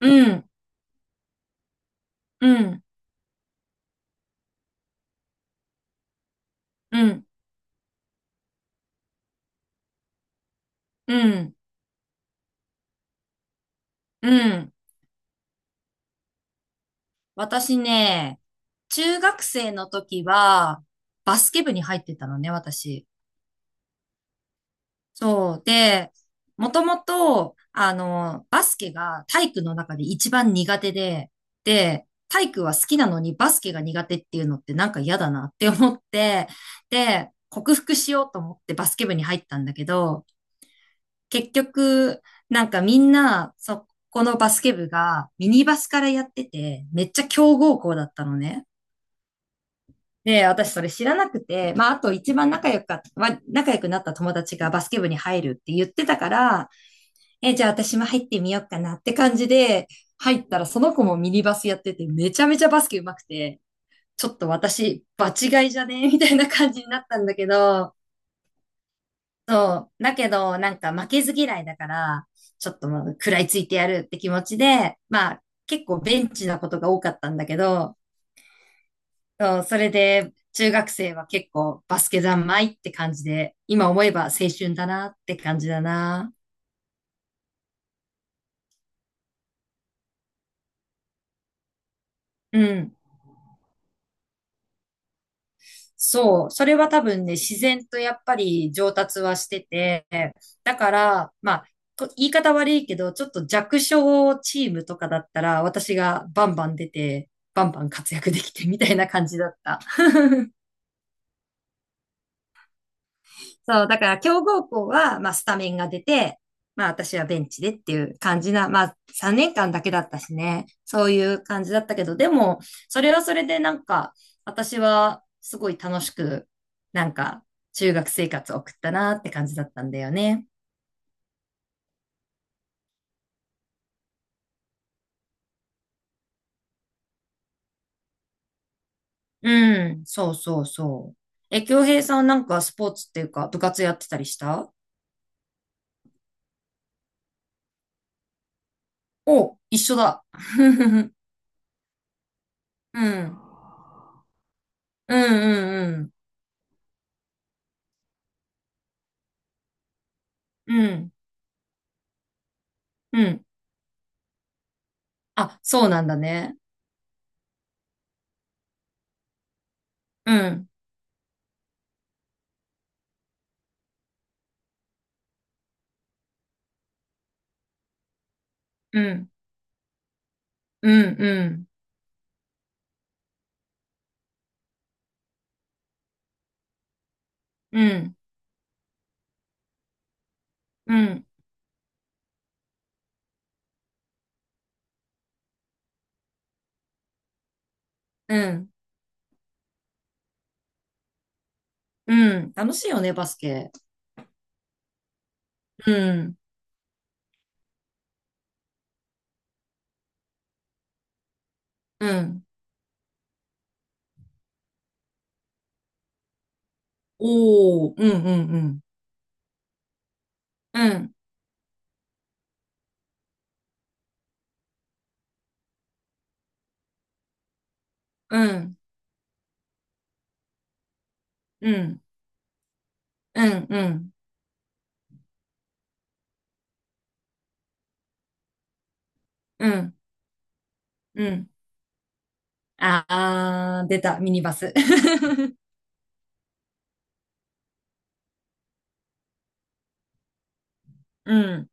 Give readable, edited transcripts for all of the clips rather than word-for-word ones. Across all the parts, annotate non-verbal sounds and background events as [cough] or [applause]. うん、うん、うん、うん、うん。私ね、中学生の時は、バスケ部に入ってたのね、私。そう。で、もともと、あの、バスケが体育の中で一番苦手で、で、体育は好きなのにバスケが苦手っていうのってなんか嫌だなって思って、で、克服しようと思ってバスケ部に入ったんだけど、結局、なんかみんな、そこのバスケ部がミニバスからやってて、めっちゃ強豪校だったのね。で、私それ知らなくて、まあ、あと一番仲良か、まあ、仲良くなった友達がバスケ部に入るって言ってたから、え、じゃあ私も入ってみようかなって感じで、入ったらその子もミニバスやってて、めちゃめちゃバスケ上手くて、ちょっと私、場違いじゃねみたいな感じになったんだけど、だけど、なんか負けず嫌いだから、ちょっともう食らいついてやるって気持ちで、まあ結構ベンチなことが多かったんだけど、そうそれで中学生は結構バスケ三昧って感じで、今思えば青春だなって感じだな。うん。そう、それは多分ね、自然とやっぱり上達はしてて、だから、まあ、言い方悪いけど、ちょっと弱小チームとかだったら、私がバンバン出て、バンバン活躍できてみたいな感じだった。[laughs] そう、だから強豪校は、まあ、スタメンが出て、まあ、私はベンチでっていう感じな、まあ、3年間だけだったしね、そういう感じだったけど、でも、それはそれでなんか、私はすごい楽しく、なんか、中学生活を送ったなって感じだったんだよね。うん、そうそうそう。え、京平さんなんかスポーツっていうか、部活やってたりした？お、一緒だ。[laughs] うん、うん、うん、うん、うん、うん。あ、そうなんだね。うん。うん、うん、うん、うん、うん、うん、うん。楽しいよね、バスケ。うん、うん。おー、うん、うん、うん。うん、うん、うん、うん、うん、うん、うん。あー、出た、ミニバス。[laughs] うん、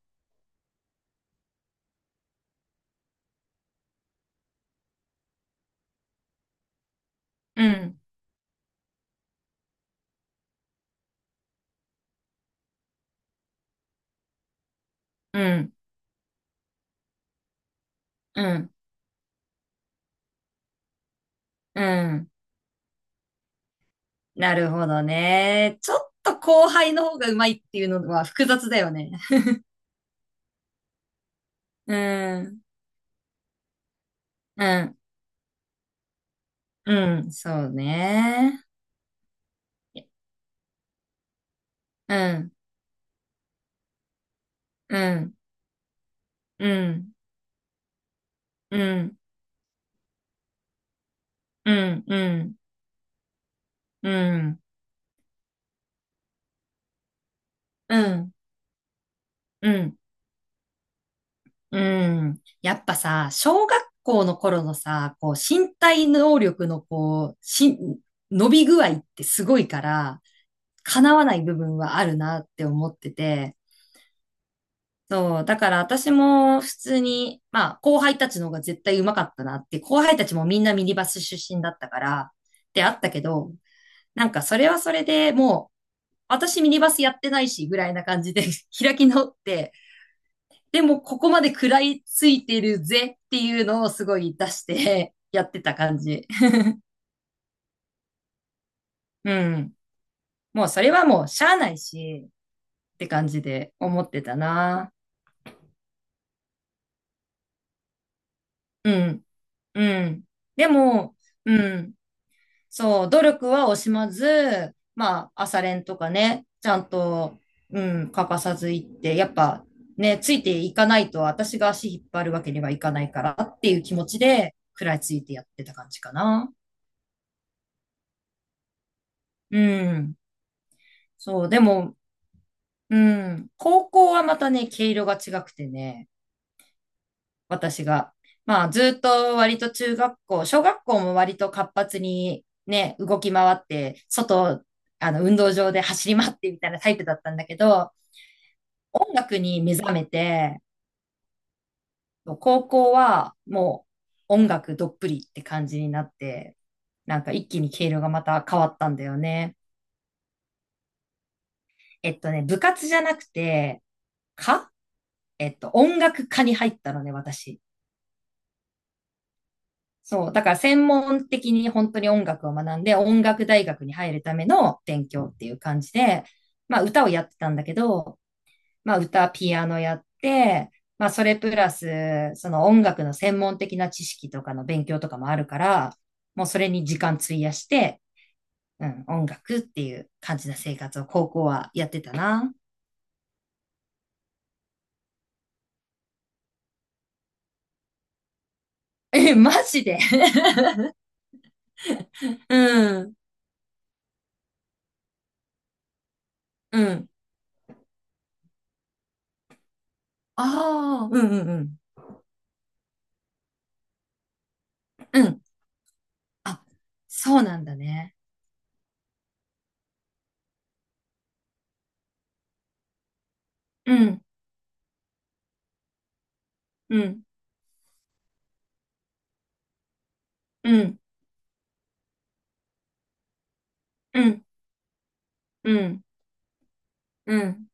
うん、うん、うん、うん。なるほどね。ちょっと後輩の方がうまいっていうのは複雑だよね。[laughs] うん、うん、うん、そうね。うん、うん、うん。うん、うん、うん、うん、うん、うん、うん。やっぱさ、小学校の頃のさ、こう、身体能力のこう、伸び具合ってすごいから、叶わない部分はあるなって思ってて、そう、だから私も普通に、まあ、後輩たちの方が絶対上手かったなって、後輩たちもみんなミニバス出身だったから、ってあったけど、なんかそれはそれでもう、私ミニバスやってないし、ぐらいな感じで [laughs] 開き直って、でもここまで食らいついてるぜっていうのをすごい出して [laughs] やってた感じ。うん。もうそれはもうしゃあないしって感じで思ってたな。うん。うん。でも、うん。そう、努力は惜しまず、まあ、朝練とかね、ちゃんと、うん、欠かさず行って、やっぱね、ついていかないと私が足引っ張るわけにはいかないからっていう気持ちで食らいついてやってた感じかな。うん。そう、でも、うん。高校はまたね、毛色が違くてね、私が。まあ、ずっと割と中学校、小学校も割と活発にね、動き回って、外、あの、運動場で走り回ってみたいなタイプだったんだけど、音楽に目覚めて、高校はもう音楽どっぷりって感じになって、なんか一気に毛色がまた変わったんだよね。部活じゃなくて、かえっと、音楽科に入ったのね、私。そう。だから専門的に本当に音楽を学んで、音楽大学に入るための勉強っていう感じで、まあ歌をやってたんだけど、まあ歌、ピアノやって、まあそれプラス、その音楽の専門的な知識とかの勉強とかもあるから、もうそれに時間費やして、うん、音楽っていう感じの生活を高校はやってたな。え、マジで？ [laughs] うん、うん。ああ、うんうんうん。うん。あ、そうなんだね。うん、うん。うん、うん、うん、うん。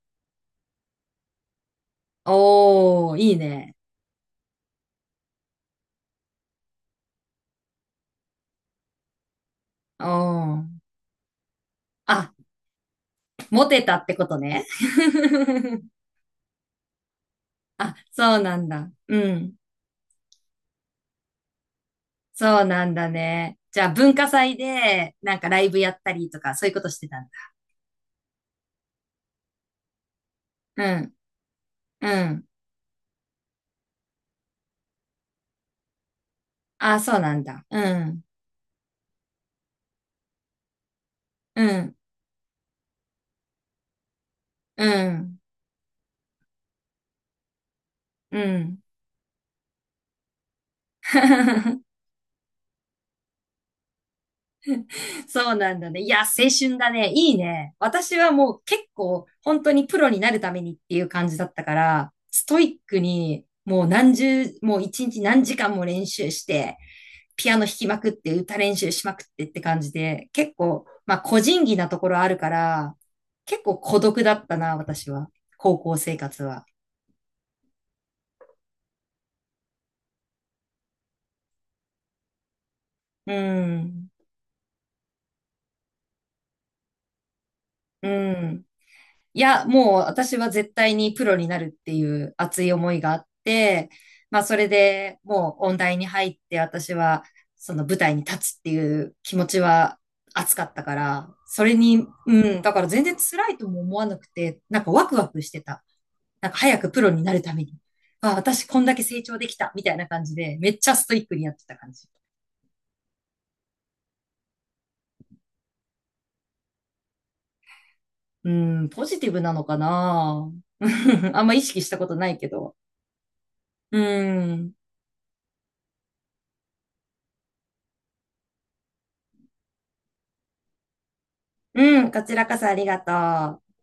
おー、いいね。おー。あ、モテたってことね。[laughs] あ、そうなんだ。うん。そうなんだね。じゃあ、文化祭で、なんかライブやったりとか、そういうことしてたんだ。うん、うん。あ、そうなんだ。うん、うん、うん、うん。[laughs] そうなんだね。いや、青春だね。いいね。私はもう結構本当にプロになるためにっていう感じだったから、ストイックにもう一日何時間も練習して、ピアノ弾きまくって、歌練習しまくってって感じで、結構、まあ個人技なところあるから、結構孤独だったな、私は。高校生活は。うん。うん。いや、もう私は絶対にプロになるっていう熱い思いがあって、まあそれでもう音大に入って私はその舞台に立つっていう気持ちは熱かったから、それに、うん、だから全然辛いとも思わなくて、なんかワクワクしてた。なんか早くプロになるために。あ、私こんだけ成長できたみたいな感じで、めっちゃストイックにやってた感じ。うん、ポジティブなのかな？ [laughs] あんま意識したことないけど。うん。うん、こちらこそありがとう。